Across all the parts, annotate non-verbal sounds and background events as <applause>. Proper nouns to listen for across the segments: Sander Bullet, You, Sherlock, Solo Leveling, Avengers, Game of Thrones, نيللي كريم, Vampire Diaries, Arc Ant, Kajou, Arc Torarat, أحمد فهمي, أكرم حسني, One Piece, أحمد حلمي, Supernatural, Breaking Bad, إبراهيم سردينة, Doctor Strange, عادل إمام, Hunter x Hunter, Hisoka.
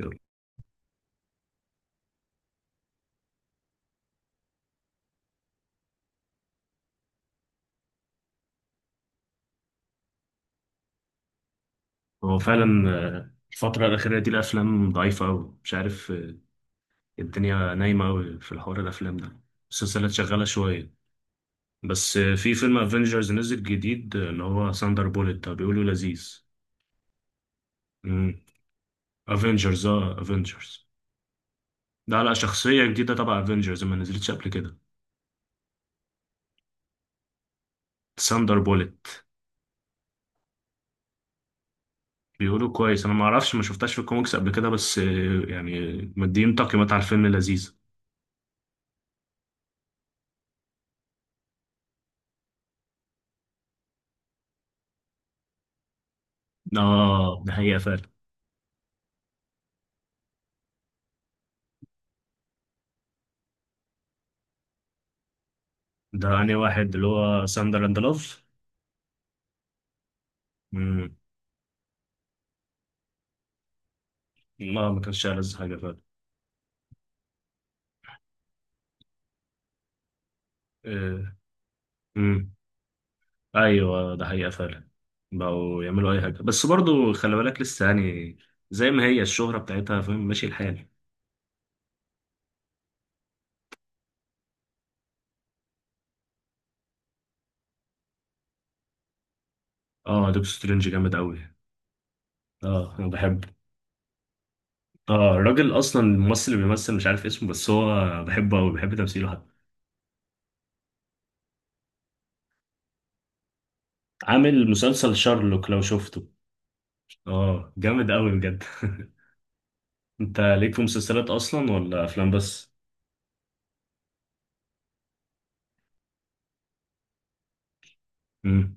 يلا. هو فعلا. الفترة الأخيرة دي الأفلام ضعيفة أوي، مش عارف. الدنيا نايمة أوي في الحوار الأفلام ده. السلسلة شغالة شوية، بس في فيلم أفينجرز نزل جديد، اللي هو ساندر بوليت ده بيقولوا لذيذ. أفينجرز، اه أفينجرز. ده على شخصية جديدة تبع أفينجرز ما نزلتش قبل كده. ساندر بوليت بيقولوا كويس، أنا ما أعرفش، ما شفتهاش في الكوميكس قبل كده، بس يعني مدين تقييمات على الفيلم لذيذ. اه ده حقيقة فعلا. ده أنهي واحد، اللي هو ساندر أند لوف. امم. ما كانش ألذ حاجة فعلا. آه. امم. ايوه ده حقيقة فعلا. بقوا يعملوا اي حاجة، بس برضو خلي بالك لسه يعني زي ما هي الشهرة بتاعتها، فاهم ماشي الحال. اه دكتور سترينج جامد قوي. اه انا بحبه. اه الراجل اصلا الممثل اللي بيمثل مش عارف اسمه، بس هو بحبه قوي، بحب تمثيله حتى. عامل مسلسل شارلوك لو شفته. اه جامد قوي بجد. <laughs> انت ليك في مسلسلات اصلا ولا افلام بس؟ امم.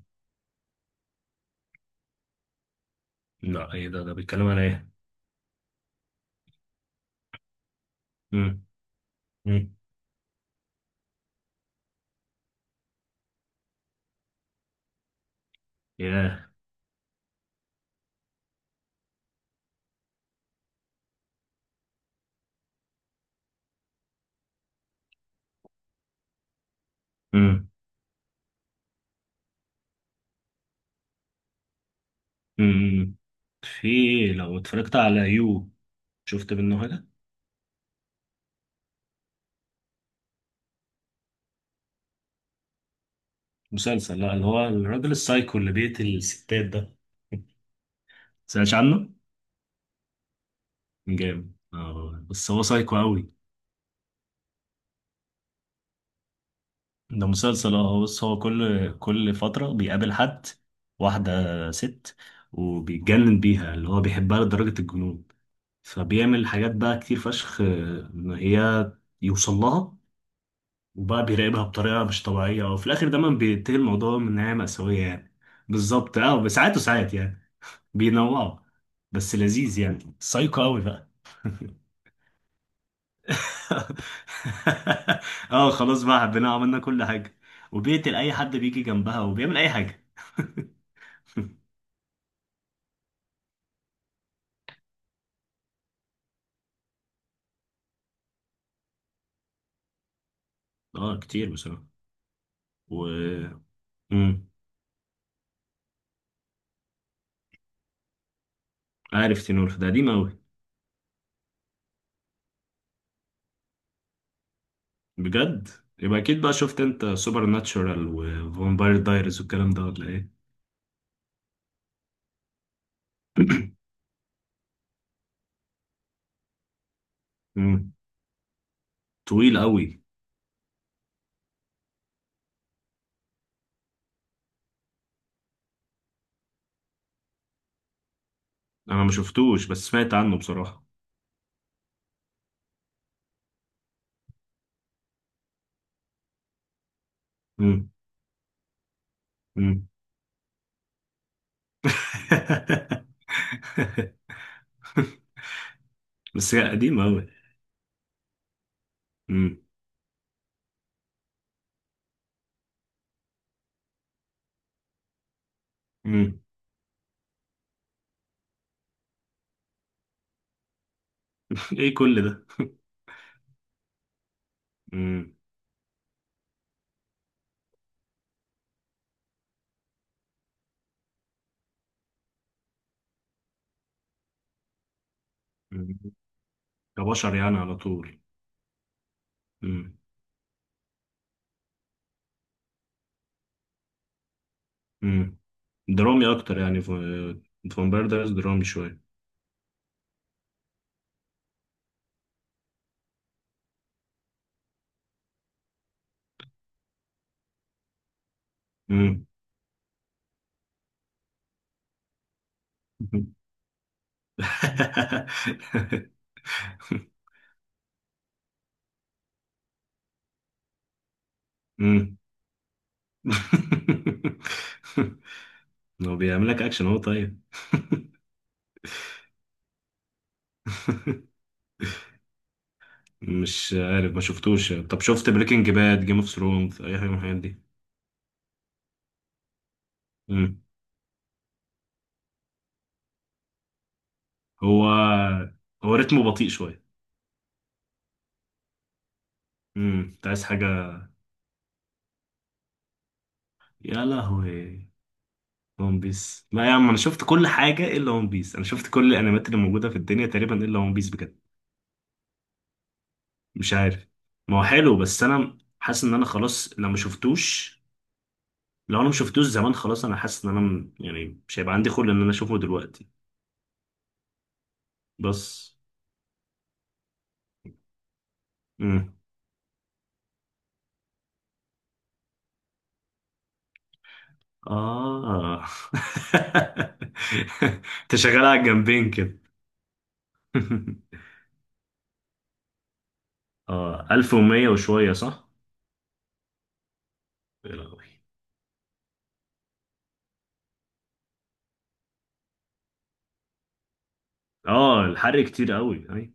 لا ايه ده؟ ده بيتكلم عن ايه؟ امم. امم. ياه. امم. امم. في، لو اتفرجت على يو، شفت منه حاجة؟ مسلسل. لا اللي هو الراجل السايكو اللي بيقتل الستات ده. سمعتش عنه؟ جامد اه، بس هو سايكو قوي. ده مسلسل اه. بص هو كل فترة بيقابل حد، واحدة، ست، وبيتجنن بيها، اللي هو بيحبها لدرجة الجنون، فبيعمل حاجات بقى كتير فشخ ان هي يوصل لها. وبقى بيراقبها بطريقة مش طبيعية، وفي الآخر دايما بينتهي الموضوع من نهاية مأساوية يعني. بالظبط اه، بس ساعات وساعات يعني بينوعوا. بس لذيذ يعني، سايكو قوي بقى. <laughs> اه خلاص بقى، حبينا، عملنا كل حاجة. وبيقتل أي حد بيجي جنبها، وبيعمل أي حاجة. <laughs> اه كتير بصراحة. و مم. عارف تينور ده قديم أوي؟ بجد؟ يبقى أكيد بقى شفت أنت سوبر ناتشورال وفامباير دايرز والكلام ده، ولا إيه؟ <clears throat> مم. طويل أوي. انا ما شفتوش، بس سمعت عنه بصراحة. امم. امم. <laughs> بس هي قديمة أوي. امم. امم. ايه كل ده؟ <laughs> امم. أمم. كبشر يعني على طول. امم. امم. درامي اكتر يعني، فامباير دايرز درامي شوية. امم. امم. <laughs> <laughs> هو بيعمل لك اكشن هو؟ طيب. <laughs> مش عارف، ما شفتوش. طب شفت بريكنج باد، جيم اوف ثرونز، اي حاجه من الحاجات؟ مم. هو، هو رتمه بطيء شوية. انت عايز حاجة. يا لهوي. ون بيس؟ لا يا عم انا شفت كل حاجة الا ون بيس، انا شفت كل الانميات اللي موجودة في الدنيا تقريبا الا ون بيس بجد. مش عارف. ما هو حلو، بس انا حاسس ان انا خلاص، لو ما شفتوش، لو انا ما شفتوش زمان خلاص، انا حاسس ان انا يعني مش هيبقى عندي خلق ان انا اشوفه دلوقتي. بس. امم. اه. <laughs> انت شغال على الجنبين كده. <laughs> اه 1100 وشوية صح. يا لهوي. اه الحر كتير قوي اي.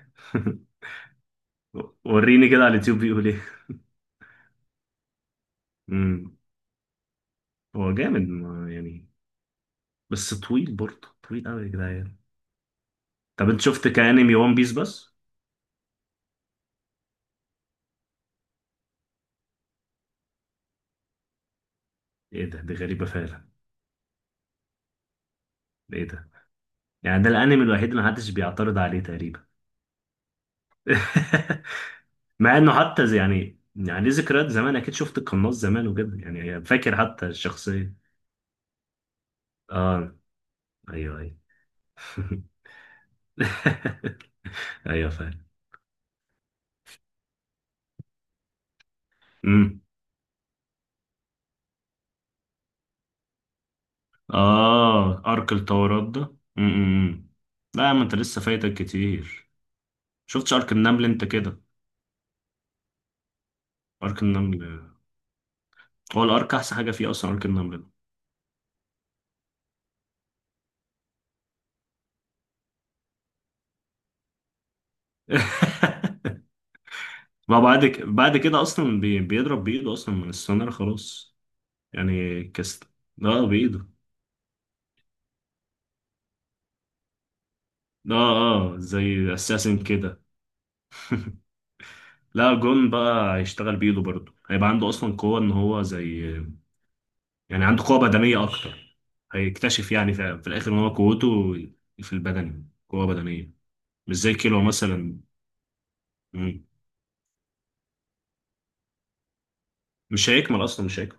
<laughs> وريني كده على اليوتيوب بيقول ايه. امم. هو جامد ما يعني. بس طويل برضه، طويل قوي يا جدعان. طب انت شفت كانمي ون بيس بس؟ ايه ده؟ دي غريبة فعلا. ده ايه ده؟ يعني ده الانمي الوحيد اللي محدش بيعترض عليه تقريبا. <laughs> مع انه حتى يعني، يعني ليه ذكريات زمان، اكيد شفت القناص زمان وكده يعني، فاكر حتى الشخصية. اه. ايوه ايوه. <laughs> ايوه فعلا. اه ارك التورات ده. امم. لا ما انت لسه فايتك كتير. شفتش ارك النمل انت كده؟ ارك النمل هو الارك احسن حاجه فيه اصلا، ارك النمل ده. <laughs> ما بعد ك... بعد كده اصلا بي... بيضرب بايده اصلا من السونار خلاص. يعني كست. اه بايده. اه. اه زي اساسن كده. <laughs> لا جون بقى هيشتغل بايده برضه، هيبقى عنده اصلا قوه ان هو زي، يعني عنده قوة بدنية أكتر. هيكتشف يعني في الآخر إن هو قوته في البدن، قوة بدنية. مش زي كيلو مثلا. مم. مش هيكمل أصلا، مش هيكمل.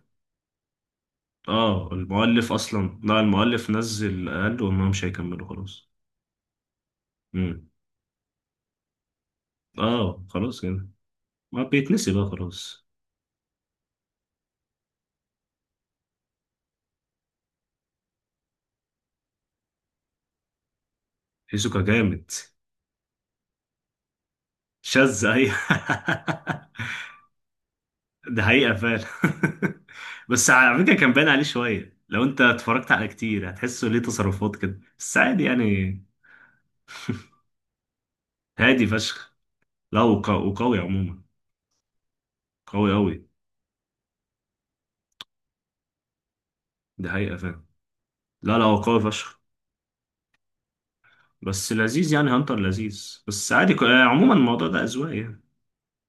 آه المؤلف أصلا، لا المؤلف نزل قال وإن هو مش هيكمله خلاص. مم. آه خلاص كده. ما بيتنسي بقى خلاص. هيزوكا جامد. شاذ أي؟ <laughs> ده حقيقة فعلا. <laughs> بس على فكرة كان باين عليه شوية، لو أنت اتفرجت على كتير هتحسه ليه تصرفات كده، بس عادي يعني. هادي فشخ. لا وقوي عموما. قوي قوي. دي حقيقة فعلا. لا لا هو قوي فشخ. بس لذيذ يعني، هانتر لذيذ، بس عادي عموما الموضوع ده أذواق يعني.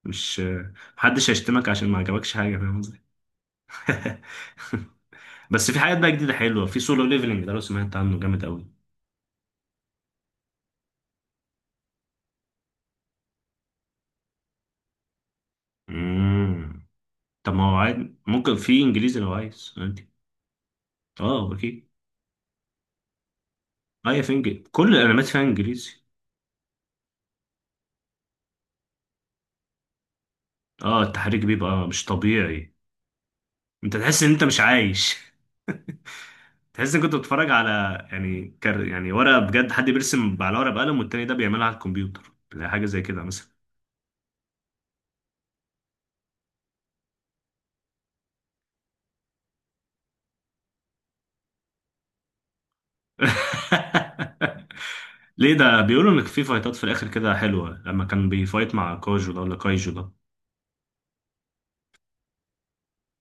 مش محدش هيشتمك عشان ما عجبكش حاجة، فاهم قصدي؟ <laughs> بس في حاجات بقى جديدة حلوة، في سولو ليفلنج ده لو سمعت عنه جامد قوي. امم. طب ما هو عادي، ممكن في انجليزي لو عايز عادي. اه اكيد. اي، في انجليزي كل الانميات فيها انجليزي. اه التحريك بيبقى مش طبيعي. انت تحس ان انت مش عايش. <laughs> تحس انك كنت بتتفرج على، يعني كر، يعني ورقه بجد، حد بيرسم على ورقه بقلم، والتاني ده بيعملها على الكمبيوتر زي حاجه زي كده مثلا. <laughs> ليه ده؟ بيقولوا ان في فايتات في الاخر كده حلوه، لما كان بيفايت مع كاجو ده ولا كايجو ده.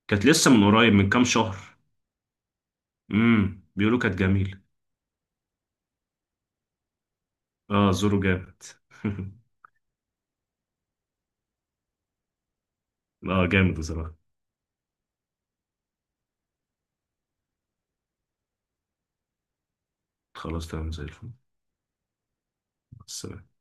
كانت لسه من قريب من كام شهر. بيقولوا كانت جميله. اه زورو جامد. <laughs> اه جامد بصراحه. خلاص تمام زي الفل. بس